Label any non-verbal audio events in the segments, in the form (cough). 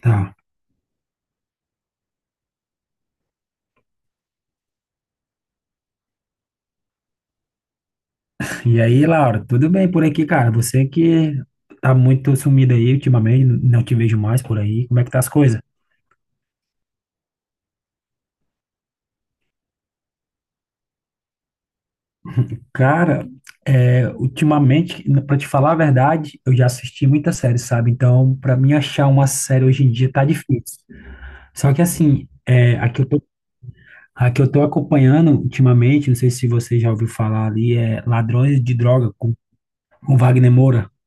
Tá. E aí, Laura, tudo bem por aqui, cara? Você que tá muito sumida aí ultimamente, não te vejo mais por aí. Como é que tá as coisas? Cara, ultimamente, pra te falar a verdade, eu já assisti muita série, sabe? Então, pra mim achar uma série hoje em dia tá difícil. Só que assim, a que eu tô acompanhando ultimamente, não sei se você já ouviu falar ali, é Ladrões de Droga com Wagner Moura. (laughs)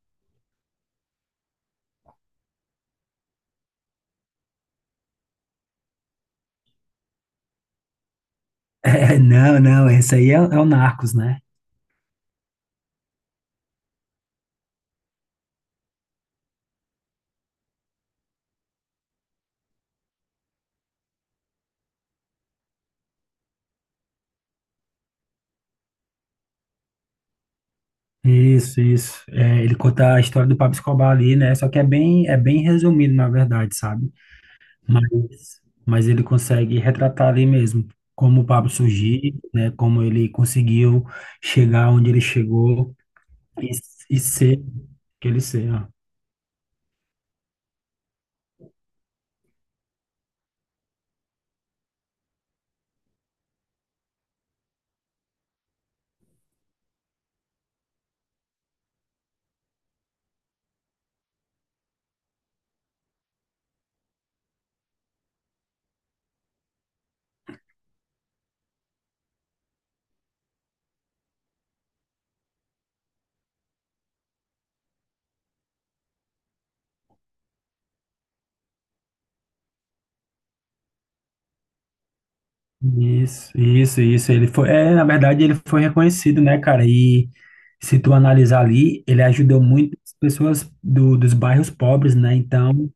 Não, não, esse aí é o Narcos, né? Isso, isso. É, ele conta a história do Pablo Escobar ali, né? Só que é bem resumido, na verdade, sabe? Mas, mas ele consegue retratar ali mesmo como o Pablo surgiu, né? Como ele conseguiu chegar onde ele chegou e, e ser aquele ser, ó. Isso, isso, isso. Ele foi, é, na verdade, ele foi reconhecido, né, cara? E se tu analisar ali, ele ajudou muitas pessoas dos bairros pobres, né? Então,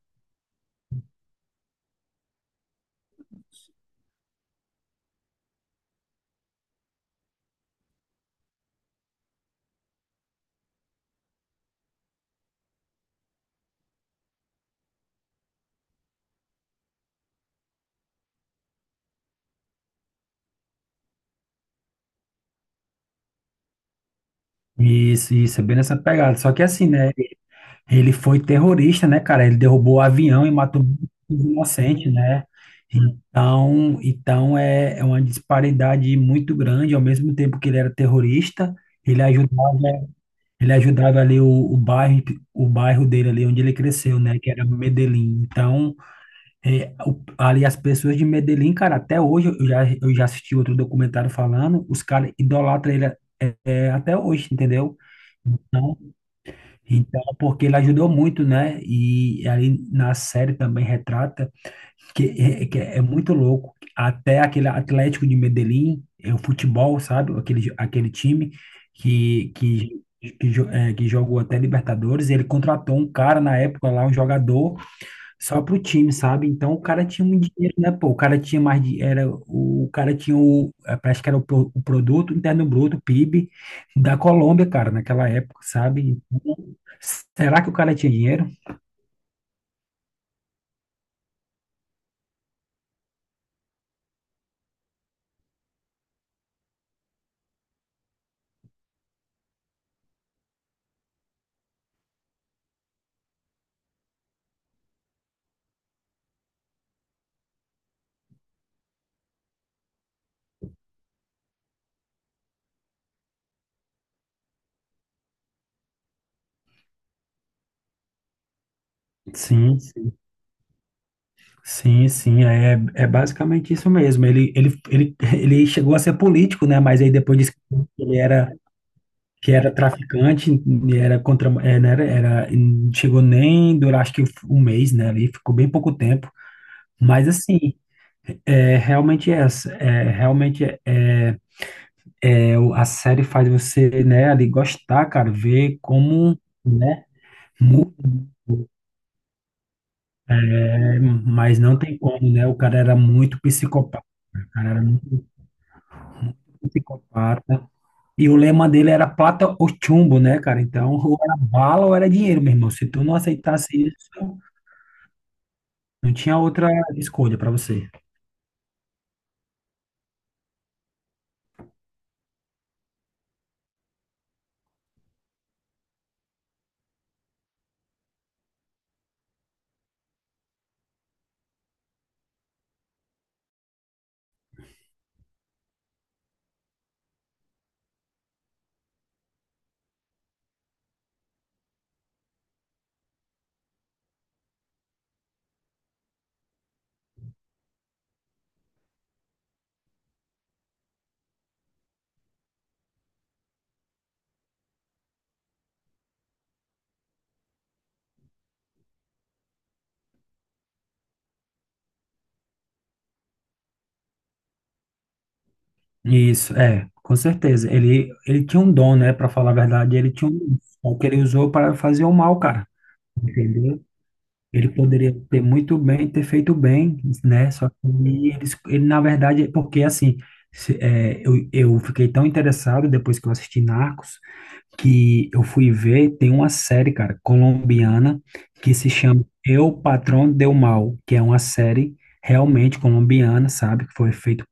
isso, é bem nessa pegada. Só que assim, né? Ele foi terrorista, né, cara? Ele derrubou o avião e matou muitos inocentes, né? Então, então é uma disparidade muito grande. Ao mesmo tempo que ele era terrorista, ele ajudava, ele ajudava ali o bairro dele ali onde ele cresceu, né? Que era Medellín. Então, é, o- ali as pessoas de Medellín, cara, até hoje eu já assisti outro documentário falando, os caras idolatram ele até hoje, entendeu? Então, então, porque ele ajudou muito, né? E ali na série também retrata que que é muito louco. Até aquele Atlético de Medellín, é o futebol, sabe? Aquele time que, que, jo- é, que jogou até Libertadores. Ele contratou um cara na época lá, um jogador, só pro time, sabe? Então o cara tinha muito dinheiro, né? Pô, o cara tinha mais de, era o cara tinha o, parece que era o, pro- o produto interno bruto, PIB da Colômbia, cara, naquela época, sabe? Então, será que o cara tinha dinheiro? Sim, sim, sim, é basicamente isso mesmo. Ele, (laughs) ele chegou a ser político, né? Mas aí depois disse que ele que era traficante, e era contra, é, né? Era- não chegou nem durar acho que um mês, né? Ali ficou bem pouco tempo. Mas assim, é realmente é é realmente o- a série faz você, né, ali gostar, cara, ver como, né, muda, né, mas não tem como, né, o cara era muito psicopata, o cara era muito psicopata, e o lema dele era plata ou chumbo, né, cara, então (laughs) ou era bala ou era dinheiro, meu irmão, se tu não aceitasse isso, não tinha outra escolha para você. Isso, é, com certeza, ele tinha um dom, né, para falar a verdade, ele tinha um dom, só que ele usou para fazer o mal, cara. Entendeu? Ele poderia ter muito bem, ter feito bem, né? Só que na verdade, é porque assim, se- eu fiquei tão interessado depois que eu assisti Narcos, que eu fui ver, tem uma série, cara, colombiana, que se chama Eu, Patrão del Mal, que é uma série realmente colombiana, sabe? Que foi feita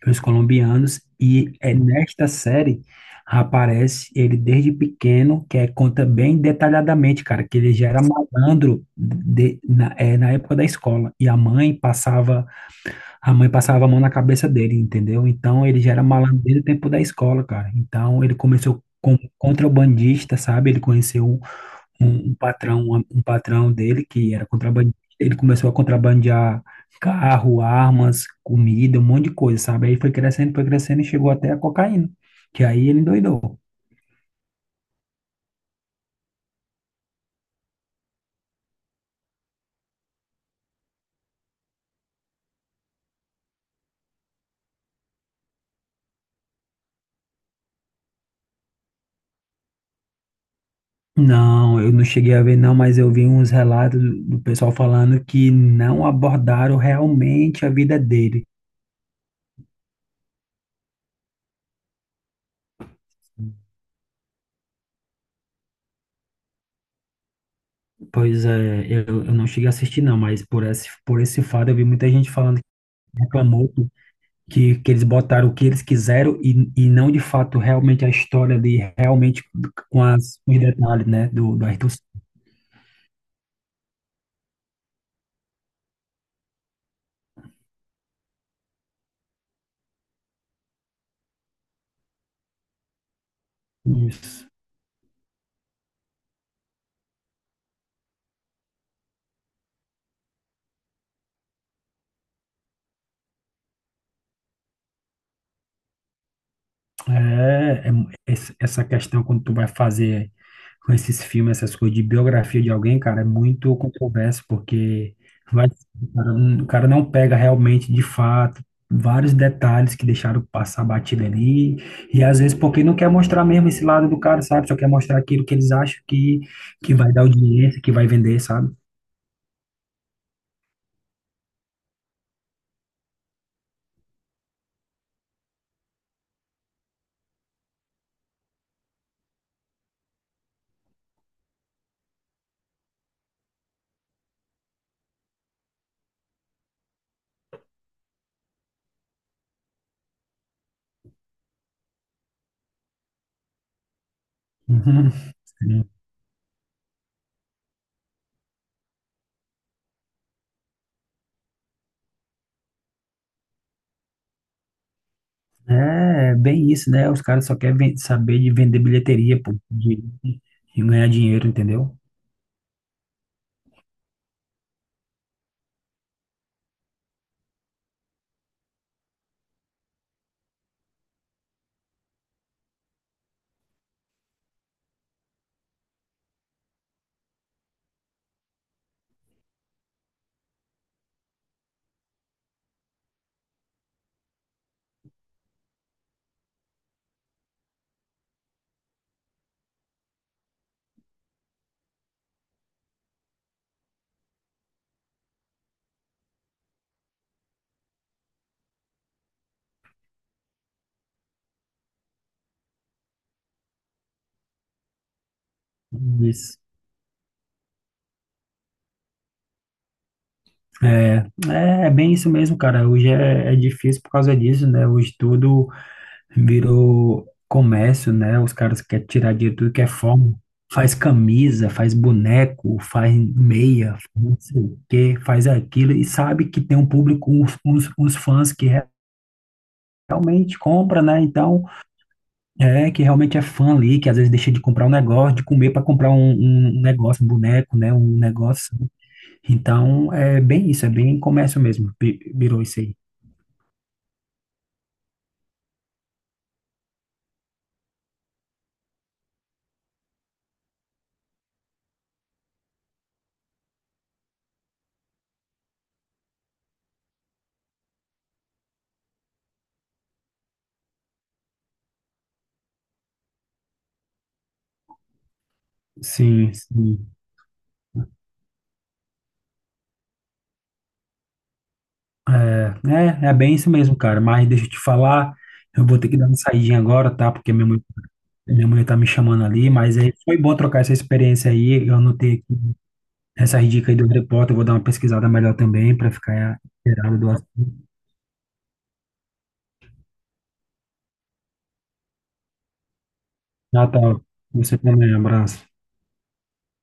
pelos colombianos, e é nesta série aparece ele desde pequeno, que é, conta bem detalhadamente, cara, que ele já era malandro na época da escola, e a mãe passava a mão na cabeça dele, entendeu? Então ele já era malandro desde o tempo da escola, cara. Então ele começou como contrabandista, sabe? Ele conheceu um um patrão, um patrão dele que era contrabandista. Ele começou a contrabandear carro, armas, comida, um monte de coisa, sabe? Aí foi crescendo e chegou até a cocaína, que aí ele endoidou. Não, eu não cheguei a ver, não, mas eu vi uns relatos do pessoal falando que não abordaram realmente a vida dele. Pois é, eu não cheguei a assistir não, mas por esse fato eu vi muita gente falando que reclamou que eles botaram o que eles quiseram e não de fato realmente a história ali, realmente com as, com os detalhes, né, do Ayrton Senna. É, é mu- esse- essa questão quando tu vai fazer com esses filmes, essas coisas de biografia de alguém, cara, é muito controverso, porque vai, o cara não pega realmente, de fato, vários detalhes que deixaram passar batido ali, e às vezes porque não quer mostrar mesmo esse lado do cara, sabe? Só quer mostrar aquilo que eles acham que vai dar audiência, que vai vender, sabe? Uhum. (laughs) Sim. É, bem isso, né? Os caras só querem ven- saber de vender bilheteria, pô, de ganhar dinheiro, entendeu? Isso. É, é bem isso mesmo, cara. Hoje é difícil por causa disso, né? Hoje tudo virou comércio, né? Os caras querem tirar dinheiro de tudo que é forma. Faz camisa, faz boneco, faz meia, faz não sei o quê, faz aquilo e sabe que tem um público, uns fãs que re- realmente compra, né? Então, é que realmente é fã ali, que às vezes deixa de comprar um negócio, de comer para comprar um negócio, um boneco, né? Um negócio. Então, é bem isso, é bem comércio mesmo, vi- virou isso aí. Sim, sim. É, é bem isso mesmo, cara. Mas deixa eu te falar, eu vou ter que dar uma saidinha agora, tá? Minha mulher tá me chamando ali, mas aí foi bom trocar essa experiência aí. Eu anotei aqui essas dicas aí do repórter, eu vou dar uma pesquisada melhor também para ficar inteirado do assunto. Ah, tá. Você também, um abraço.